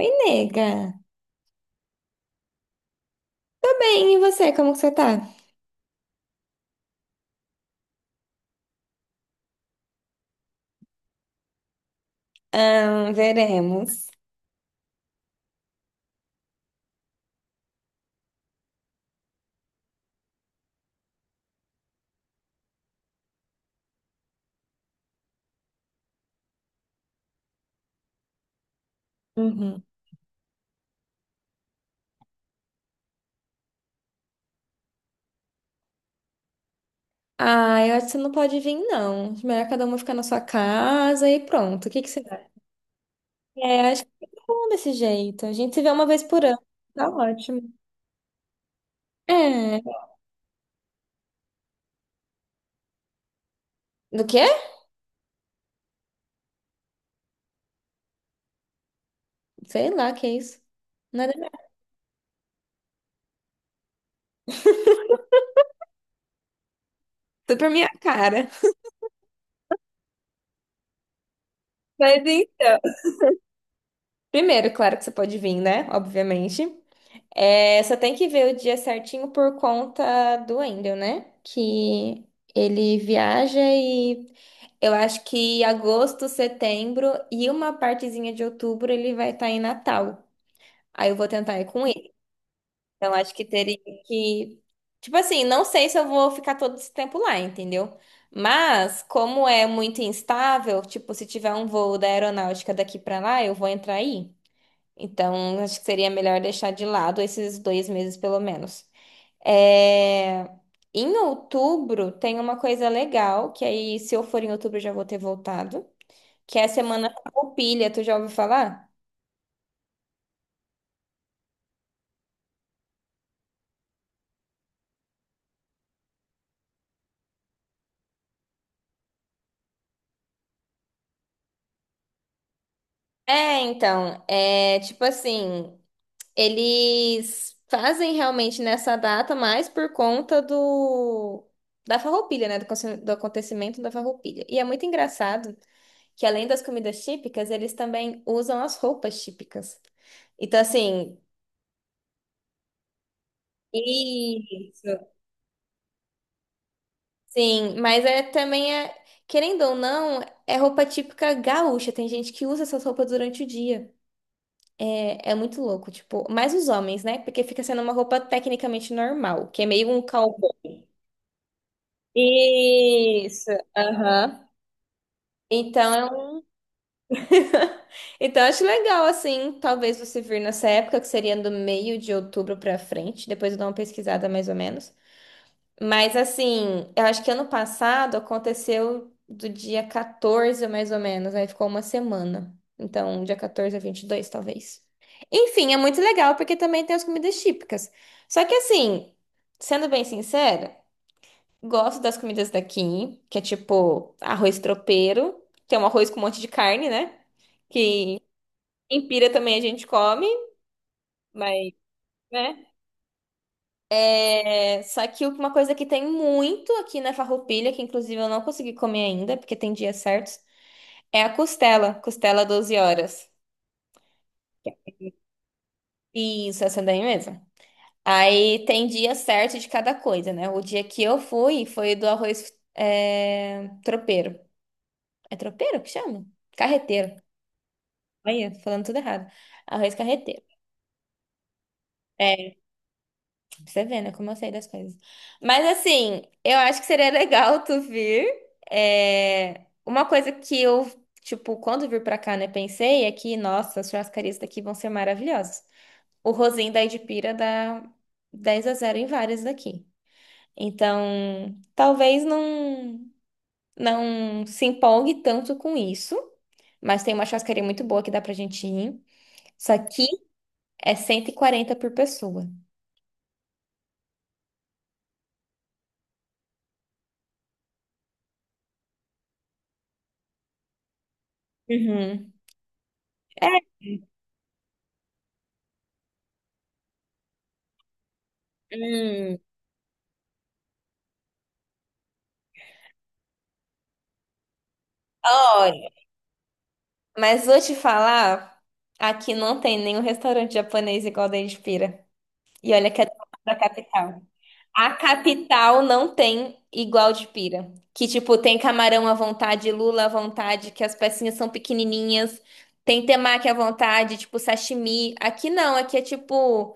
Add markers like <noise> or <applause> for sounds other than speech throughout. Oi, nega. Tô bem, e você? Como que você tá? Ah, veremos. Uhum. Ah, eu acho que você não pode vir, não. Melhor cada uma ficar na sua casa e pronto. O que que você acha? É, acho que tá bom desse jeito. A gente se vê uma vez por ano. Tá ótimo. É. Do quê? Sei lá, que é isso. Nada mais. Tudo pra minha cara. Mas então. Primeiro, claro que você pode vir, né? Obviamente. É, só tem que ver o dia certinho por conta do Wendel, né? Que ele viaja e eu acho que agosto, setembro e uma partezinha de outubro ele vai estar em Natal. Aí eu vou tentar ir com ele. Então acho que teria que. Tipo assim, não sei se eu vou ficar todo esse tempo lá, entendeu? Mas, como é muito instável, tipo, se tiver um voo da aeronáutica daqui pra lá, eu vou entrar aí. Então, acho que seria melhor deixar de lado esses 2 meses, pelo menos. É, em outubro tem uma coisa legal, que aí se eu for em outubro eu já vou ter voltado, que é a Semana Farroupilha, tu já ouviu falar? É, então, é tipo assim, eles fazem realmente nessa data mais por conta do da Farroupilha, né, do acontecimento da Farroupilha. E é muito engraçado que além das comidas típicas, eles também usam as roupas típicas. Então assim, isso. Sim, mas é também, querendo ou não, é roupa típica gaúcha. Tem gente que usa essas roupas durante o dia. É muito louco, tipo, mais os homens, né? Porque fica sendo uma roupa tecnicamente normal, que é meio um cowboy. Isso, aham. Então, <laughs> então acho legal assim, talvez você vir nessa época que seria do meio de outubro pra frente, depois eu dou uma pesquisada mais ou menos. Mas assim, eu acho que ano passado aconteceu do dia 14, mais ou menos, aí ficou uma semana. Então, dia 14 a 22 talvez. Enfim, é muito legal porque também tem as comidas típicas. Só que assim, sendo bem sincera, gosto das comidas daqui, que é tipo arroz tropeiro, que é um arroz com um monte de carne, né? Que em Pira também a gente come, mas, né? É, só que uma coisa que tem muito aqui na Farroupilha, que inclusive eu não consegui comer ainda, porque tem dias certos, é a costela, costela 12 horas. Isso, essa daí mesmo. Aí tem dia certo de cada coisa, né? O dia que eu fui foi do arroz tropeiro. É tropeiro que chama? Carreteiro. Olha, falando tudo errado. Arroz carreteiro. É, você vê, né? Como eu sei das coisas. Mas assim, eu acho que seria legal tu vir. Uma coisa que eu, tipo, quando vir pra cá, né, pensei que, nossa, as churrascarias daqui vão ser maravilhosas. O Rosinho da Edipira dá 10 a 0 em várias daqui. Então, talvez não, não se empolgue tanto com isso. Mas tem uma churrascaria muito boa que dá pra gente ir. Isso aqui é 140 por pessoa. Uhum. É. Hum. Mas vou te falar, aqui não tem nenhum restaurante japonês igual da Pira. E olha que é da capital. A capital não tem igual de pira. Que, tipo, tem camarão à vontade, lula à vontade, que as pecinhas são pequenininhas. Tem temaki à vontade, tipo, sashimi. Aqui não, aqui é tipo,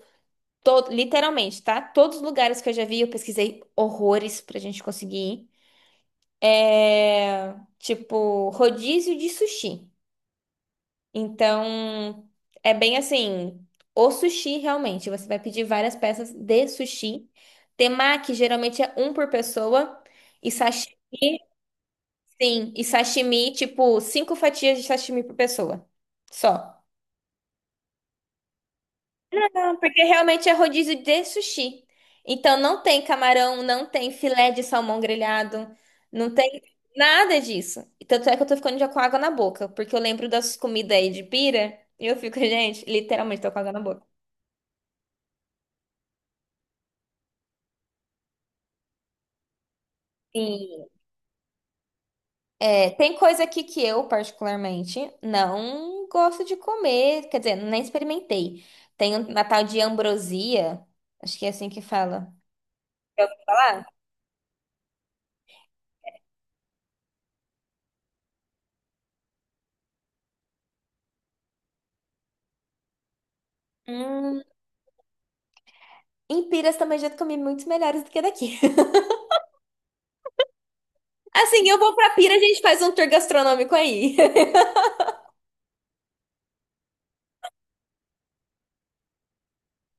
literalmente, tá? Todos os lugares que eu já vi, eu pesquisei horrores pra gente conseguir ir. Tipo, rodízio de sushi. Então, é bem assim, o sushi realmente, você vai pedir várias peças de sushi. Temaki geralmente é um por pessoa e sashimi, sim, e sashimi, tipo, 5 fatias de sashimi por pessoa. Só. Não, porque realmente é rodízio de sushi. Então não tem camarão, não tem filé de salmão grelhado, não tem nada disso. E tanto é que eu tô ficando já com água na boca, porque eu lembro das comidas aí de pira e eu fico, <laughs> gente, literalmente tô com água na boca. Sim. É, tem coisa aqui que eu, particularmente, não gosto de comer, quer dizer, nem experimentei. Tem uma tal de ambrosia, acho que é assim que fala. Falar? Hum, em Piras também já comi muitos melhores do que daqui. <laughs> Assim, eu vou pra Pira, a gente faz um tour gastronômico aí. <laughs>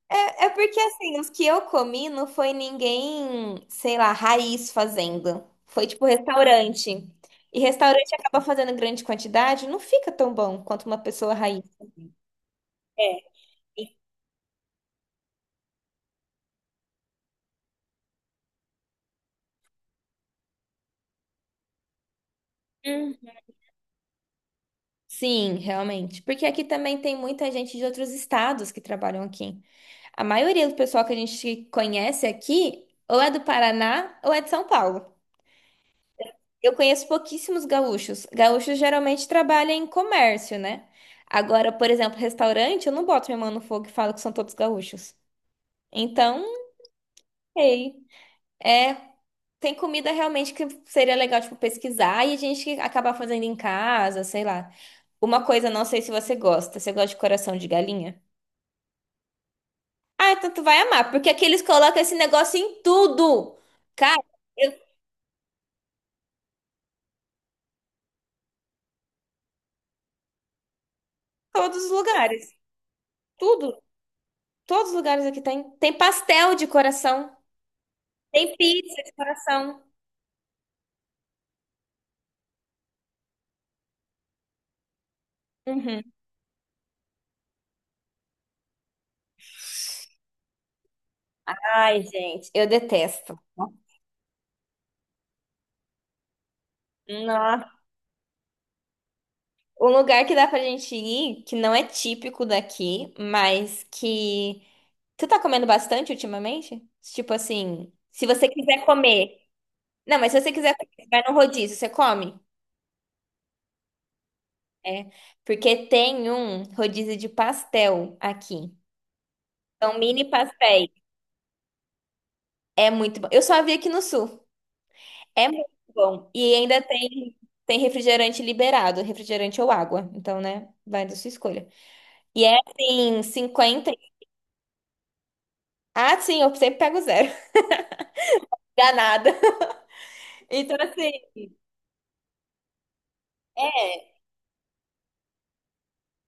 É, porque, assim, os que eu comi não foi ninguém, sei lá, raiz fazendo. Foi tipo restaurante. E restaurante acaba fazendo grande quantidade, não fica tão bom quanto uma pessoa raiz. É. Sim, realmente. Porque aqui também tem muita gente de outros estados que trabalham aqui. A maioria do pessoal que a gente conhece aqui ou é do Paraná ou é de São Paulo. Eu conheço pouquíssimos gaúchos. Gaúchos geralmente trabalham em comércio, né? Agora, por exemplo, restaurante, eu não boto minha mão no fogo e falo que são todos gaúchos. Então, não sei. É, tem comida realmente que seria legal, tipo, pesquisar e a gente acabar fazendo em casa, sei lá. Uma coisa, não sei se você gosta. Você gosta de coração de galinha? Ah, então tu vai amar, porque aqui eles colocam esse negócio em tudo. Cara, em todos os lugares. Tudo. Todos os lugares aqui tem. Tem pastel de coração. Tem pizza de coração. Uhum. Ai, gente, eu detesto. Nossa. Um lugar que dá pra gente ir, que não é típico daqui, mas que. Tu tá comendo bastante ultimamente? Tipo assim, se você quiser comer. Não, mas se você quiser comer, você vai no rodízio, você come? É, porque tem um rodízio de pastel aqui. São mini pastéis. É muito bom. Eu só vi aqui no sul. É muito bom. E ainda tem, refrigerante liberado, refrigerante ou água. Então, né, vai da sua escolha. E é assim, 50. Ah, sim, eu sempre pego zero. <laughs> Dá. Então, assim, é,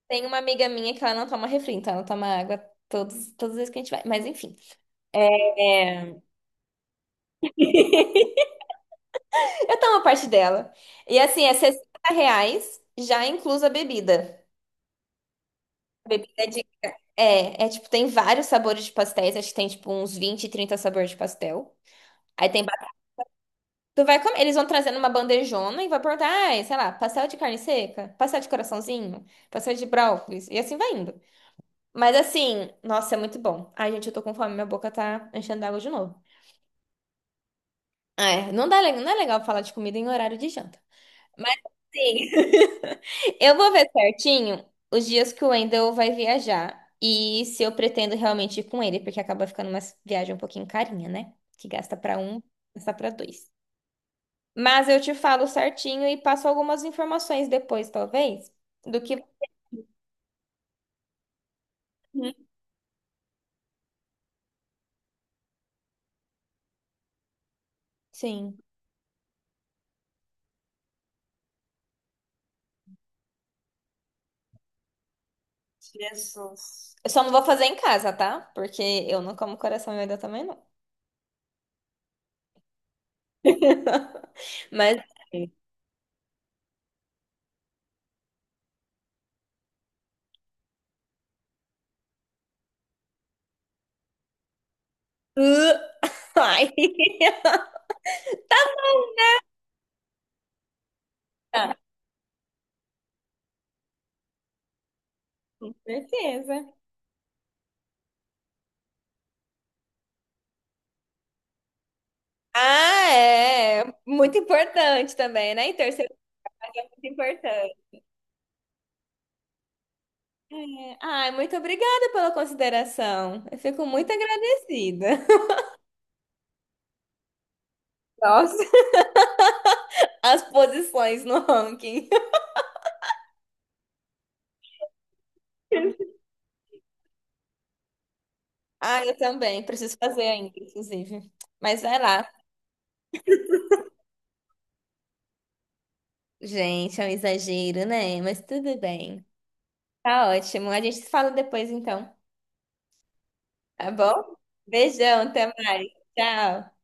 tem uma amiga minha que ela não toma refri, então ela toma água todos, todas as vezes que a gente vai. Mas enfim. É. Eu tomo a parte dela. E assim, é R$ 60, já inclusa a bebida. A bebida é de. É, tipo, tem vários sabores de pastéis. Acho que tem tipo uns 20, 30 sabores de pastel. Aí tem. Tu vai comer. Eles vão trazendo uma bandejona e vai perguntar, ai, sei lá, pastel de carne seca, pastel de coraçãozinho, pastel de brócolis. E assim vai indo. Mas assim, nossa, é muito bom. Ai, gente, eu tô com fome, minha boca tá enchendo d'água de novo. É, não dá, não é legal falar de comida em horário de janta. Mas assim. <laughs> Eu vou ver certinho os dias que o Wendel vai viajar e se eu pretendo realmente ir com ele, porque acaba ficando uma viagem um pouquinho carinha, né? Que gasta pra um, gasta pra dois. Mas eu te falo certinho e passo algumas informações depois, talvez, do que. Uhum. Sim. Jesus. Eu só não vou fazer em casa, tá? Porque eu não como coração e Wendel também não. <laughs> Mas. Uh, Ai. <laughs> Tá. Com certeza. Ah, é. Muito importante também, né? Em terceiro lugar, é muito importante. É. Ai, muito obrigada pela consideração. Eu fico muito agradecida. <laughs> Nossa, as posições no ranking. <laughs> Ah, eu também. Preciso fazer ainda, inclusive. Mas vai lá. Gente, é um exagero, né? Mas tudo bem. Tá ótimo. A gente se fala depois, então. Tá bom? Beijão, até mais. Tchau.